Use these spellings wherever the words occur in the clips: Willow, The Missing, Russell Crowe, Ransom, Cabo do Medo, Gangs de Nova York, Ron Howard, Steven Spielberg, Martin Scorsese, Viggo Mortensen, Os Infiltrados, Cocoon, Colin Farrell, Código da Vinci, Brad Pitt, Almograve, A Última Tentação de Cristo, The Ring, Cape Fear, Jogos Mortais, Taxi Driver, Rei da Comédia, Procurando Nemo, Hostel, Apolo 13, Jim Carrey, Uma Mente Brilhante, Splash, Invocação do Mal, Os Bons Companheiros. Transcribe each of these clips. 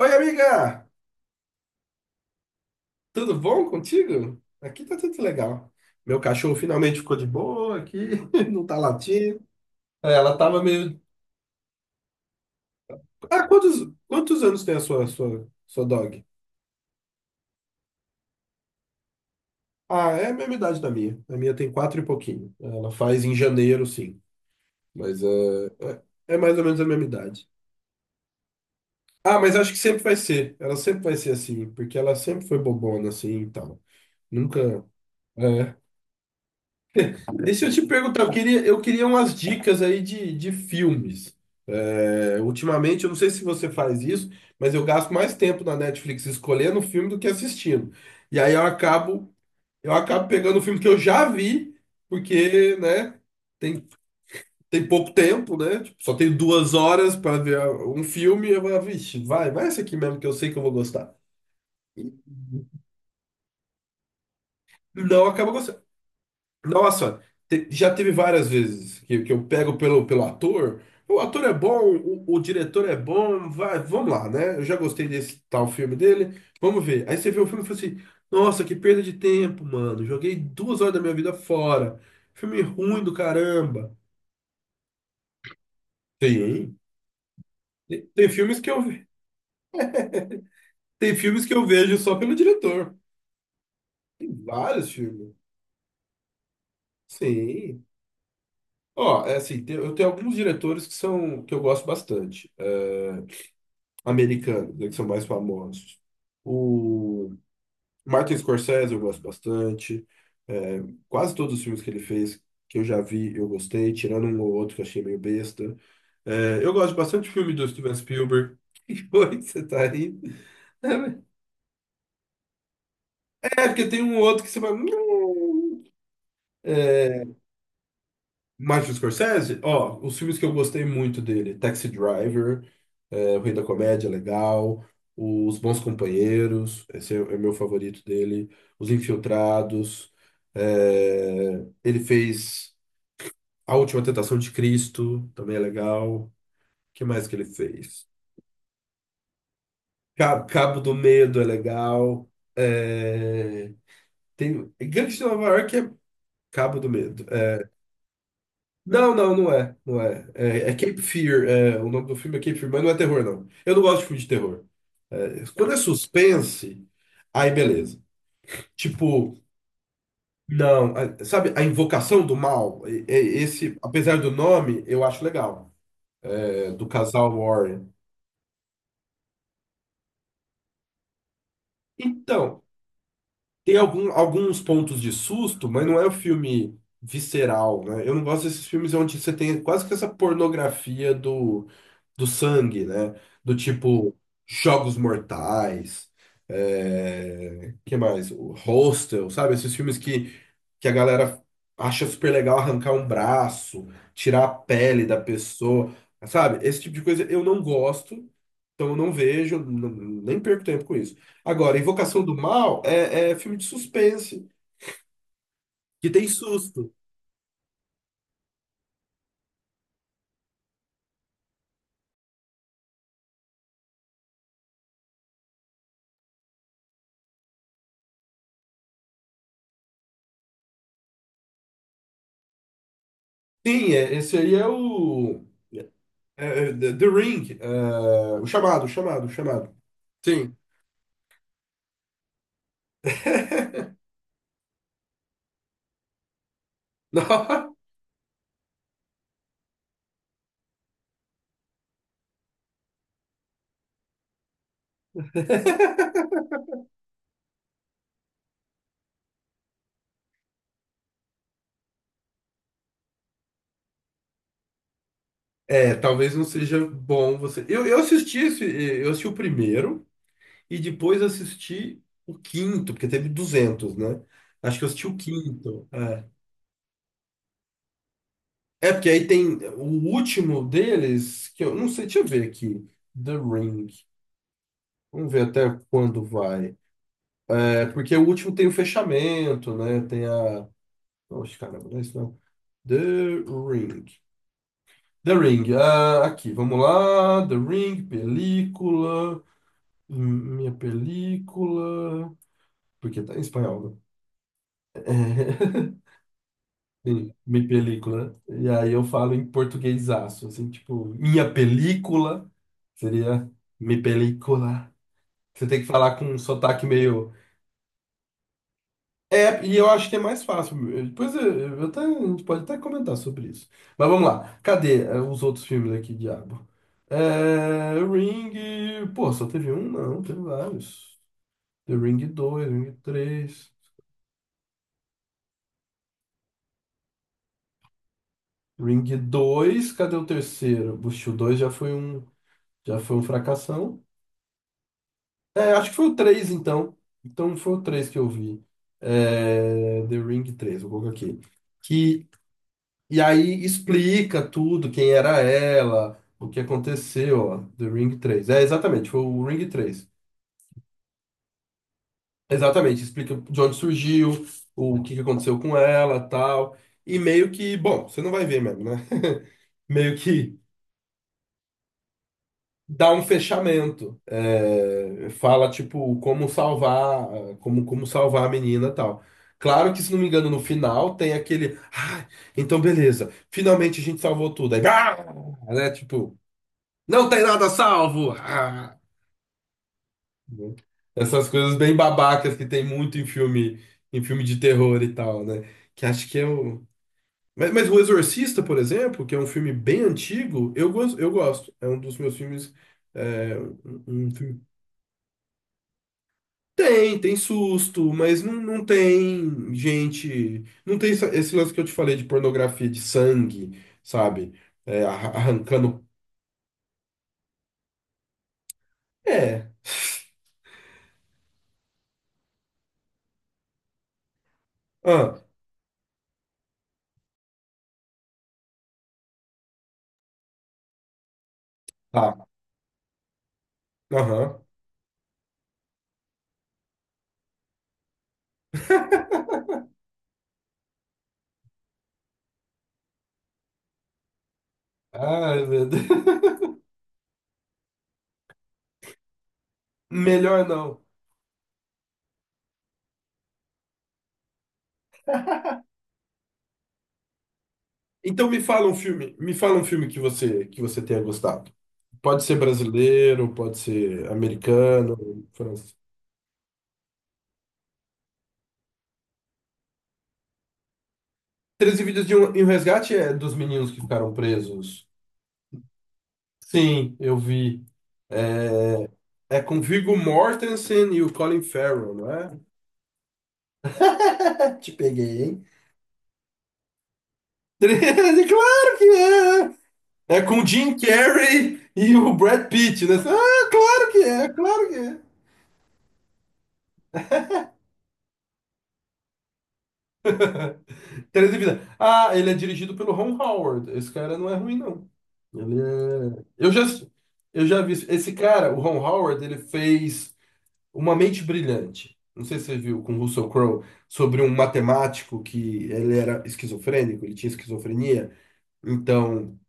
Oi, amiga! Tudo bom contigo? Aqui tá tudo legal. Meu cachorro finalmente ficou de boa aqui, não tá latindo. É, ela tava meio. Ah, quantos anos tem a sua dog? Ah, é a mesma idade da minha. A minha tem quatro e pouquinho. Ela faz em janeiro, sim. Mas é mais ou menos a mesma idade. Ah, mas acho que sempre vai ser. Ela sempre vai ser assim, porque ela sempre foi bobona assim e tal. Nunca. É. E se eu te perguntar, eu queria umas dicas aí de filmes. É, Ultimamente, eu não sei se você faz isso, mas eu gasto mais tempo na Netflix escolhendo o filme do que assistindo. E aí eu acabo pegando o filme que eu já vi, porque, né, tem, tem pouco tempo, né? Tipo, só tenho duas horas para ver um filme, eu vou, vixe, vai esse aqui mesmo que eu sei que eu vou gostar. E não acaba gostando. Nossa, já teve várias vezes que eu pego pelo ator. O ator é bom, o diretor é bom, vai, vamos lá, né? Eu já gostei desse tal filme dele, vamos ver. Aí você vê o filme e fala assim: nossa, que perda de tempo, mano. Joguei duas horas da minha vida fora. Filme ruim do caramba. Tem, tem filmes que tem filmes que eu vejo só pelo diretor. Tem vários filmes. Sim. Ó, é assim, eu tenho alguns diretores que são que eu gosto bastante. É, americanos, né, que são mais famosos. O Martin Scorsese eu gosto bastante. É, quase todos os filmes que ele fez que eu já vi, eu gostei, tirando um ou outro que eu achei meio besta. É, eu gosto bastante de filme do Steven Spielberg. Que foi que você tá aí? É, é, porque tem um outro que você vai. "Hum". é, Martin Scorsese, ó, os filmes que eu gostei muito dele, Taxi Driver. É, o Rei da Comédia é legal. Os Bons Companheiros, é meu favorito dele. Os Infiltrados. É, ele fez A Última Tentação de Cristo, também é legal. O que mais que ele fez? Cabo do Medo é legal. É, tem, Gangs de Nova York é Cabo do Medo. É, não, não é. Não é. É é Cape Fear. É, o nome do filme é Cape Fear, mas não é terror, não. Eu não gosto de filme de terror. É, quando é suspense, aí beleza. Tipo, não, sabe, a Invocação do Mal, esse, apesar do nome, eu acho legal, é, do casal Warren. Então, tem algum, alguns pontos de susto, mas não é um filme visceral, né? Eu não gosto desses filmes onde você tem quase que essa pornografia do sangue, né? Do tipo Jogos Mortais, é... que mais? O Hostel, sabe? Esses filmes que a galera acha super legal arrancar um braço, tirar a pele da pessoa, sabe? Esse tipo de coisa eu não gosto, então eu não vejo, nem perco tempo com isso. Agora, Invocação do Mal é, é filme de suspense, que tem susto. Sim, é, esse aí é o The Ring, é, o chamado. Sim. É, talvez não seja bom você. Eu assisti esse, eu assisti o primeiro e depois assisti o quinto, porque teve 200, né? Acho que eu assisti o quinto. É é porque aí tem o último deles, que eu não sei, deixa eu ver aqui. The Ring. Vamos ver até quando vai. É, porque o último tem o fechamento, né? Tem a. Oxe, caramba, não é isso não. The Ring. The Ring. Ah, aqui, vamos lá. The Ring, película. Minha película. Porque tá em espanhol, né? É, Sim, minha película. E aí eu falo em portuguesaço, assim, tipo, minha película seria mi película. Você tem que falar com um sotaque meio. É, e eu acho que é mais fácil. Depois eu até, a gente pode até comentar sobre isso. Mas vamos lá. Cadê os outros filmes aqui, diabo? É, Ring. Pô, só teve um? Não, teve vários. The Ring dois, Ring três, Ring 2, cadê o terceiro? Bush, o 2 já foi um, já foi um fracassão. É, acho que foi o 3 então. Então foi o 3 que eu vi. É, The Ring 3. Vou colocar aqui. Que, e aí explica tudo, quem era ela, o que aconteceu, ó. The Ring 3. É, exatamente, foi o Ring 3. Exatamente, explica de onde surgiu, o que que aconteceu com ela, tal. E meio que, bom, você não vai ver mesmo, né? Meio que dá um fechamento. É, fala, tipo, como, como salvar a menina e tal. Claro que, se não me engano, no final tem aquele. Ah, então beleza, finalmente a gente salvou tudo. Aí, ah, né? Tipo, não tem nada salvo! Ah, né? Essas coisas bem babacas que tem muito em filme de terror e tal, né? Que acho que é o. Mas O Exorcista, por exemplo, que é um filme bem antigo, eu, eu gosto. É um dos meus filmes é, um filme. Tem, tem susto, mas não tem gente. Não tem esse lance que eu te falei de pornografia de sangue, sabe? Arrancando. É. Ah, tá. Aham. Ai, meu Deus. Melhor não. Então me fala um filme que você tenha gostado. Pode ser brasileiro, pode ser americano, francês. 13 vídeos de um, e um resgate é dos meninos que ficaram presos. Sim, eu vi. É, É com Viggo Mortensen e o Colin Farrell, não é? Te peguei, hein? 13, claro que é! É com o Jim Carrey e o Brad Pitt, né? Ah, claro que é. 13 Vida. Ah, ele é dirigido pelo Ron Howard. Esse cara não é ruim, não. Ele é... eu já vi. Esse cara, o Ron Howard, ele fez Uma Mente Brilhante. Não sei se você viu com Russell Crowe sobre um matemático que ele era esquizofrênico, ele tinha esquizofrenia. Então,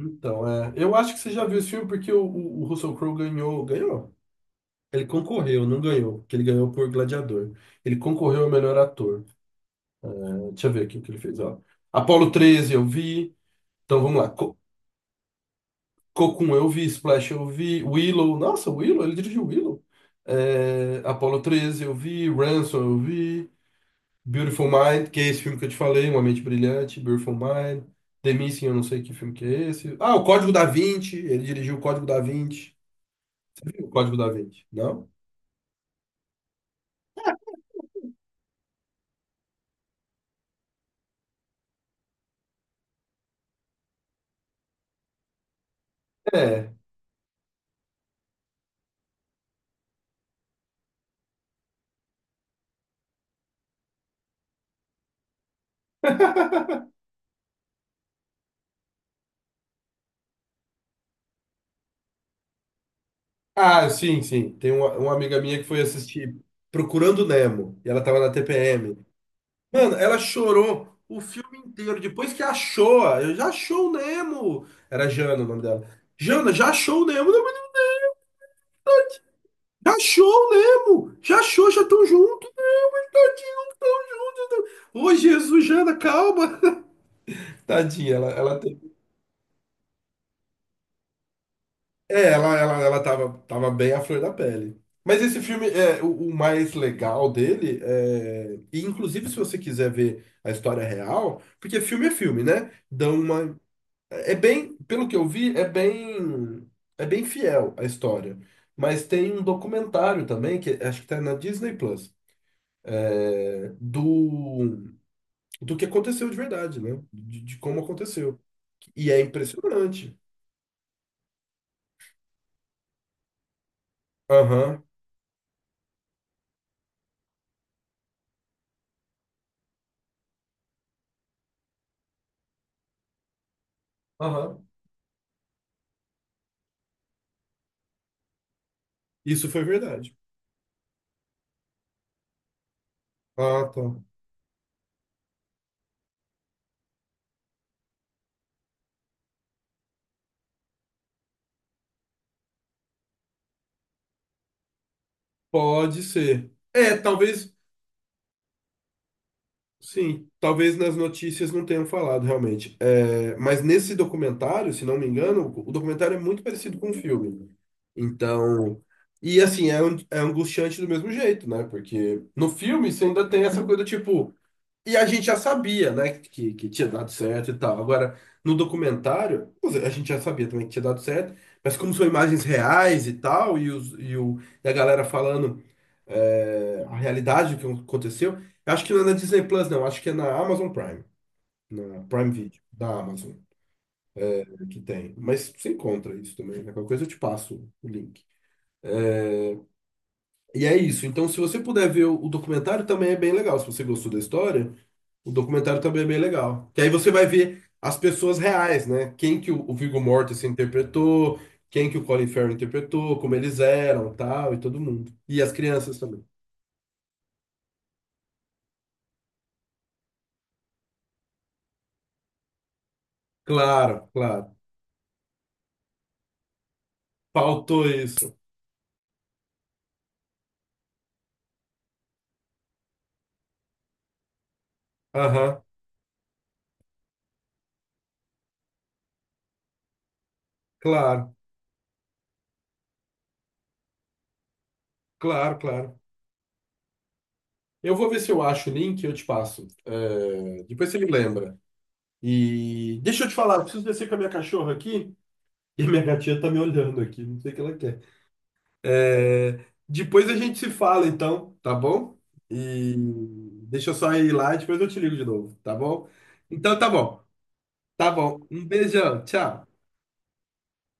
Então, é, eu acho que você já viu esse filme porque o Russell Crowe ganhou. Ele concorreu, não ganhou, porque ele ganhou por Gladiador. Ele concorreu ao melhor ator. Eh, Deixa eu ver aqui o que ele fez, ó. Apolo 13 eu vi. Então vamos lá. Co Cocoon eu vi, Splash eu vi, Willow. Nossa, Willow, ele dirigiu Willow. Eh, Apolo 13 eu vi, Ransom eu vi, Beautiful Mind, que é esse filme que eu te falei, Uma Mente Brilhante, Beautiful Mind, The Missing, eu não sei que filme que é esse. Ah, o Código da Vinci, ele dirigiu o Código da Vinci. O Código da Vinci. Não? É. Ah, sim. Tem uma amiga minha que foi assistir Procurando Nemo. E ela tava na TPM. Mano, ela chorou o filme inteiro. Depois que achou, eu já achou o Nemo. Era Jana o nome dela. Jana, já achou o Nemo? Não, mas já achou o Nemo? Já achou, já estão juntos. Ô, Jesus, Jana, calma. Tadinha, ela. É, ela tava bem à flor da pele. Mas esse filme, é o mais legal dele, é... e inclusive se você quiser ver a história real, porque filme é filme, né? Dão uma... É bem, pelo que eu vi, é bem fiel a história. Mas tem um documentário também, que acho que tá na Disney Plus, é, do que aconteceu de verdade, né? De como aconteceu. E é impressionante. Aham, aham. Isso foi verdade. Ah, tá. Pode ser. É, talvez, sim, talvez nas notícias não tenham falado realmente. É, mas nesse documentário, se não me engano, o documentário é muito parecido com o filme. Então, e assim, é, é angustiante do mesmo jeito, né? Porque no filme você ainda tem essa coisa, tipo, e a gente já sabia, né, que tinha dado certo e tal. Agora, no documentário, quer dizer, a gente já sabia também que tinha dado certo, mas como são imagens reais e tal, e a galera falando é, a realidade do que aconteceu, eu acho que não é na Disney Plus, não, acho que é na Amazon Prime, na Prime Video, da Amazon, é que tem. Mas você encontra isso também, né? Qualquer coisa eu te passo o link. E é isso. Então, se você puder ver o documentário, também é bem legal. Se você gostou da história. O documentário também é bem legal. Que aí você vai ver as pessoas reais, né? Quem que o Viggo Mortensen interpretou, quem que o Colin Farrell interpretou, como eles eram, tal, e todo mundo. E as crianças também. Claro, claro. Faltou isso. Aham, claro, claro. Eu vou ver se eu acho o link e eu te passo. É, depois você me lembra. E deixa eu te falar, eu preciso descer com a minha cachorra aqui e minha gatinha tá me olhando aqui, não sei o que ela quer. É, depois a gente se fala, então, tá bom? E deixa eu só ir lá e depois eu te ligo de novo, tá bom? Então tá bom. Um beijão, tchau.